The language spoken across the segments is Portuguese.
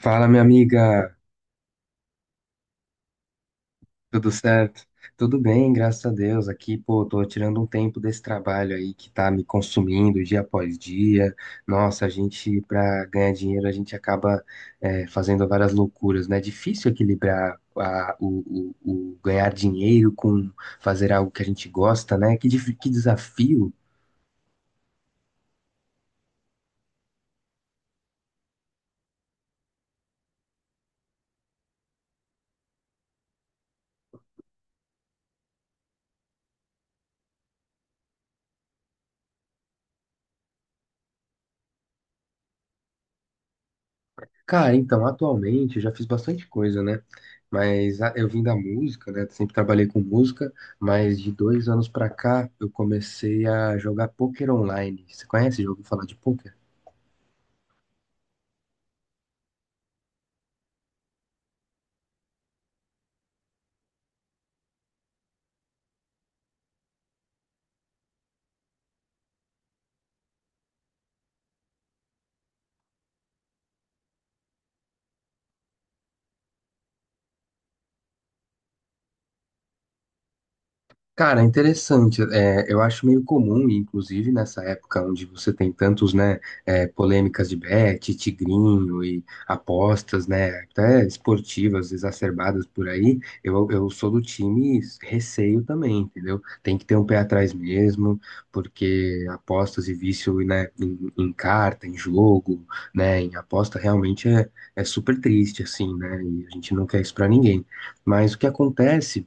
Fala, minha amiga, tudo certo? Tudo bem, graças a Deus. Aqui, pô, tô tirando um tempo desse trabalho aí que tá me consumindo dia após dia. Nossa, a gente, pra ganhar dinheiro, a gente acaba, fazendo várias loucuras, né? É difícil equilibrar o ganhar dinheiro com fazer algo que a gente gosta, né? Que desafio. Cara, então, atualmente eu já fiz bastante coisa, né? Mas eu vim da música, né? Sempre trabalhei com música, mas de 2 anos pra cá eu comecei a jogar poker online. Você conhece? Já ouviu falar de poker? Cara, interessante. É, eu acho meio comum, inclusive nessa época onde você tem tantos, né, polêmicas de bet, tigrinho e apostas, né, até esportivas exacerbadas por aí. Eu sou do time receio também, entendeu? Tem que ter um pé atrás mesmo, porque apostas e vício, né, em carta, em jogo, né, em aposta realmente é super triste, assim, né, e a gente não quer isso pra ninguém. Mas o que acontece?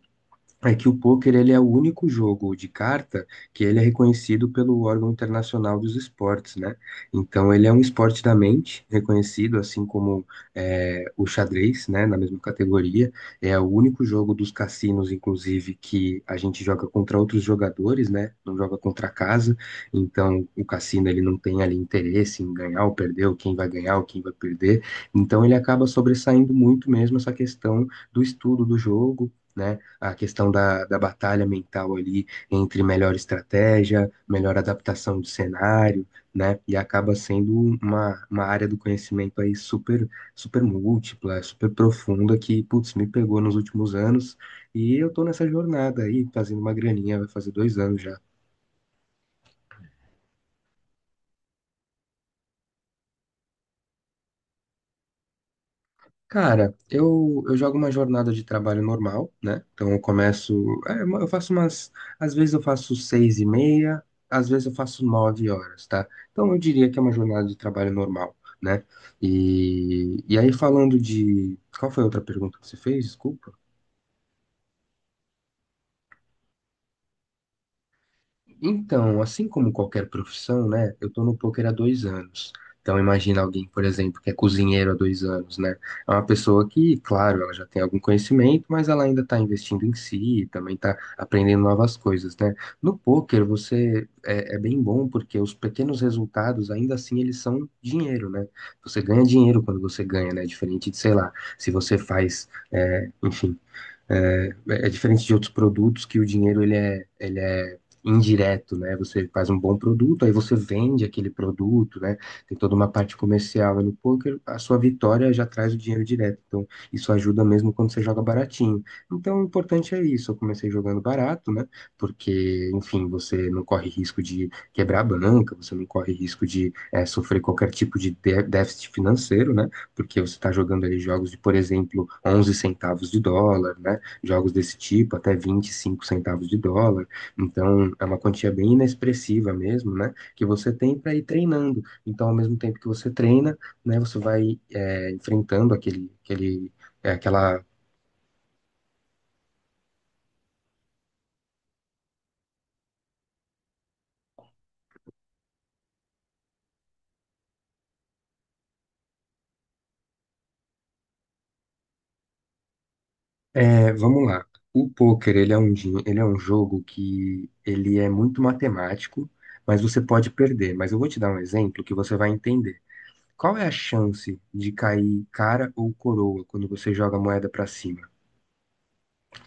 É que o pôquer ele é o único jogo de carta que ele é reconhecido pelo órgão internacional dos esportes, né? Então ele é um esporte da mente, reconhecido assim como o xadrez, né? Na mesma categoria. É o único jogo dos cassinos, inclusive, que a gente joga contra outros jogadores, né? Não joga contra a casa. Então o cassino ele não tem ali interesse em ganhar ou perder, ou quem vai ganhar ou quem vai perder. Então ele acaba sobressaindo muito mesmo essa questão do estudo do jogo, né? A questão da batalha mental ali entre melhor estratégia, melhor adaptação do cenário, né? E acaba sendo uma área do conhecimento aí super, super múltipla, super profunda que, putz, me pegou nos últimos anos e eu tô nessa jornada aí, fazendo uma graninha, vai fazer 2 anos já. Cara, eu jogo uma jornada de trabalho normal, né? Então eu começo, eu faço umas. Às vezes eu faço seis e meia, às vezes eu faço 9 horas, tá? Então eu diria que é uma jornada de trabalho normal, né? E aí falando de. Qual foi a outra pergunta que você fez? Desculpa. Então, assim como qualquer profissão, né? Eu tô no poker há 2 anos. Então, imagina alguém, por exemplo, que é cozinheiro há 2 anos, né? É uma pessoa que, claro, ela já tem algum conhecimento, mas ela ainda está investindo em si, também está aprendendo novas coisas, né? No poker, você é bem bom porque os pequenos resultados, ainda assim, eles são dinheiro, né? Você ganha dinheiro quando você ganha, né? Diferente de, sei lá, se você faz, enfim. É diferente de outros produtos que o dinheiro ele é indireto, né? Você faz um bom produto, aí você vende aquele produto, né? Tem toda uma parte comercial. E no poker, a sua vitória já traz o dinheiro direto. Então, isso ajuda mesmo quando você joga baratinho. Então, o importante é isso. Eu comecei jogando barato, né? Porque, enfim, você não corre risco de quebrar a banca, você não corre risco de sofrer qualquer tipo de déficit financeiro, né? Porque você está jogando ali jogos de, por exemplo, 11 centavos de dólar, né? Jogos desse tipo, até 25 centavos de dólar. Então, é uma quantia bem inexpressiva mesmo, né? Que você tem para ir treinando. Então, ao mesmo tempo que você treina, né, você vai enfrentando aquele, aquela. É, vamos lá. O poker, ele é um jogo que ele é muito matemático, mas você pode perder. Mas eu vou te dar um exemplo que você vai entender. Qual é a chance de cair cara ou coroa quando você joga a moeda para cima?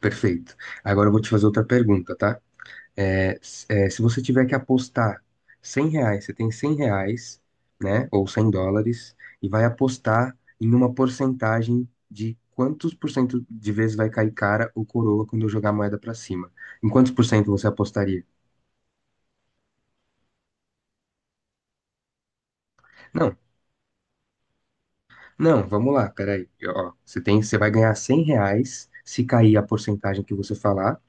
Perfeito. Agora eu vou te fazer outra pergunta, tá? Se você tiver que apostar R$ 100, você tem R$ 100, né? Ou US$ 100, e vai apostar em uma porcentagem de quantos por cento de vezes vai cair cara ou coroa quando eu jogar a moeda pra cima. Em quantos por cento você apostaria? Não, não, vamos lá, peraí. Ó, você tem, você vai ganhar R$ 100 se cair a porcentagem que você falar,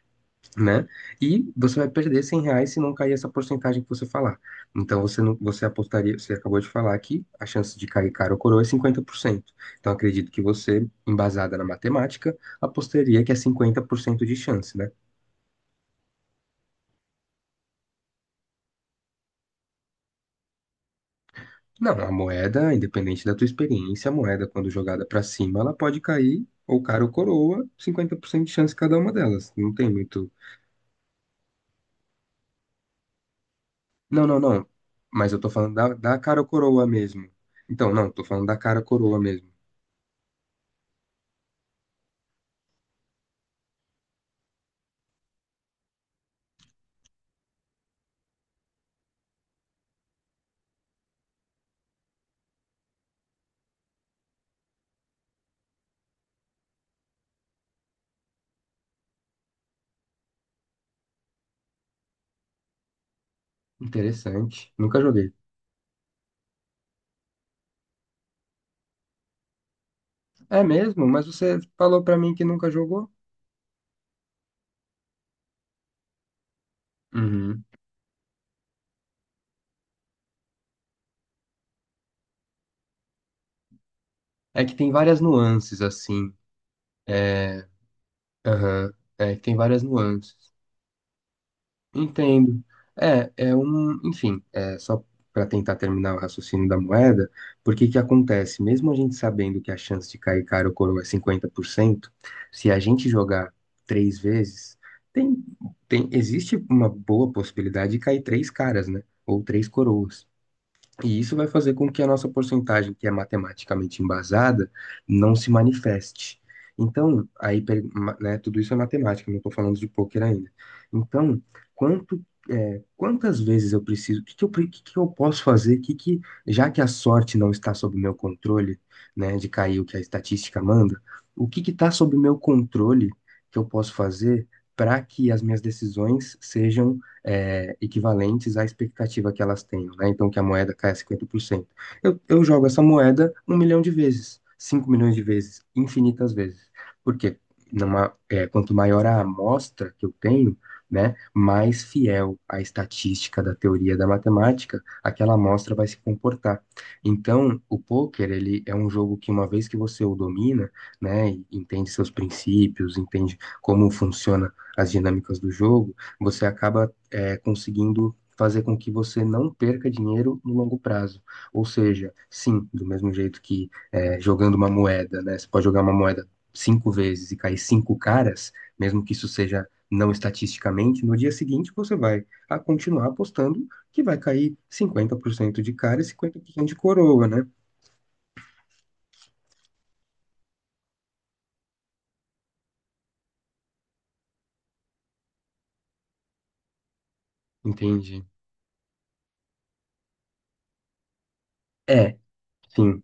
né? E você vai perder R$ 100 se não cair essa porcentagem que você falar. Então você não, você apostaria, você acabou de falar que a chance de cair cara ou coroa é 50%. Então acredito que você, embasada na matemática, apostaria que é 50% de chance, né? Não, a moeda, independente da tua experiência, a moeda quando jogada para cima, ela pode cair ou cara ou coroa, 50% de chance cada uma delas. Não tem muito. Não, não, não. Mas eu tô falando da cara ou coroa mesmo. Então, não, tô falando da cara ou coroa mesmo. Interessante. Nunca joguei. É mesmo? Mas você falou pra mim que nunca jogou? Uhum. É que tem várias nuances, assim. Aham. É que tem várias nuances. Entendo. É um. Enfim, é só pra tentar terminar o raciocínio da moeda, porque que acontece? Mesmo a gente sabendo que a chance de cair cara ou coroa é cinquenta por cento, se a gente jogar três vezes, tem, existe uma boa possibilidade de cair três caras, né? Ou três coroas. E isso vai fazer com que a nossa porcentagem, que é matematicamente embasada, não se manifeste. Então, aí, né, tudo isso é matemática, não estou falando de poker ainda. Então, quanto, quantas vezes eu preciso, o que que eu posso fazer, que, já que a sorte não está sob meu controle, né, de cair o que a estatística manda, o que que está sob meu controle que eu posso fazer para que as minhas decisões sejam equivalentes à expectativa que elas tenham, né? Então, que a moeda caia 50%. Eu jogo essa moeda 1 milhão de vezes, 5 milhões de vezes, infinitas vezes. Porque numa, quanto maior a amostra que eu tenho, né, mais fiel à estatística da teoria da matemática, aquela amostra vai se comportar. Então, o poker, ele é um jogo que uma vez que você o domina, né, e entende seus princípios, entende como funciona as dinâmicas do jogo, você acaba conseguindo fazer com que você não perca dinheiro no longo prazo. Ou seja, sim, do mesmo jeito que jogando uma moeda, né? Você pode jogar uma moeda cinco vezes e cair cinco caras, mesmo que isso seja não estatisticamente, no dia seguinte você vai a continuar apostando que vai cair 50% de cara e 50% de coroa, né? Entende? É, sim.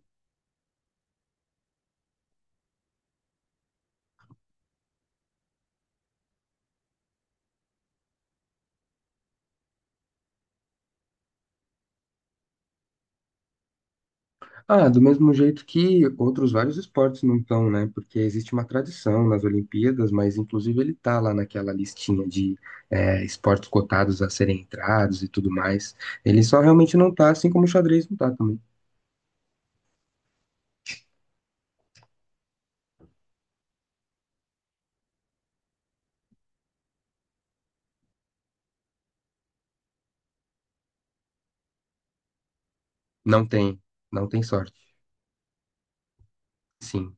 Ah, do mesmo jeito que outros vários esportes não estão, né? Porque existe uma tradição nas Olimpíadas, mas inclusive ele tá lá naquela listinha de esportes cotados a serem entrados e tudo mais. Ele só realmente não tá, assim como o xadrez não tá também. Não tem, não tem sorte. Sim.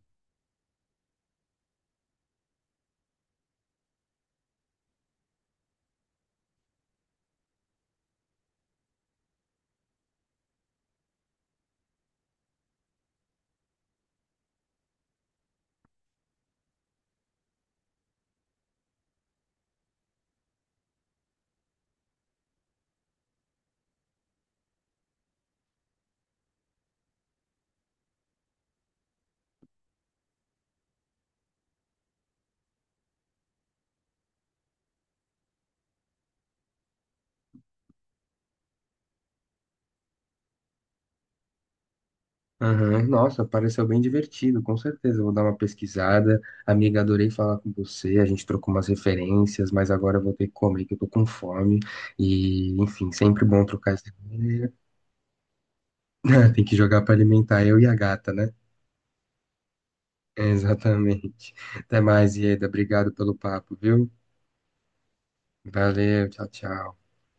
Aham, nossa, pareceu bem divertido, com certeza. Eu vou dar uma pesquisada. Amiga, adorei falar com você. A gente trocou umas referências, mas agora eu vou ter que comer, que eu tô com fome. E, enfim, sempre bom trocar essa. Tem que jogar pra alimentar eu e a gata, né? É, exatamente. Até mais, Ieda. Obrigado pelo papo, viu? Valeu, tchau, tchau.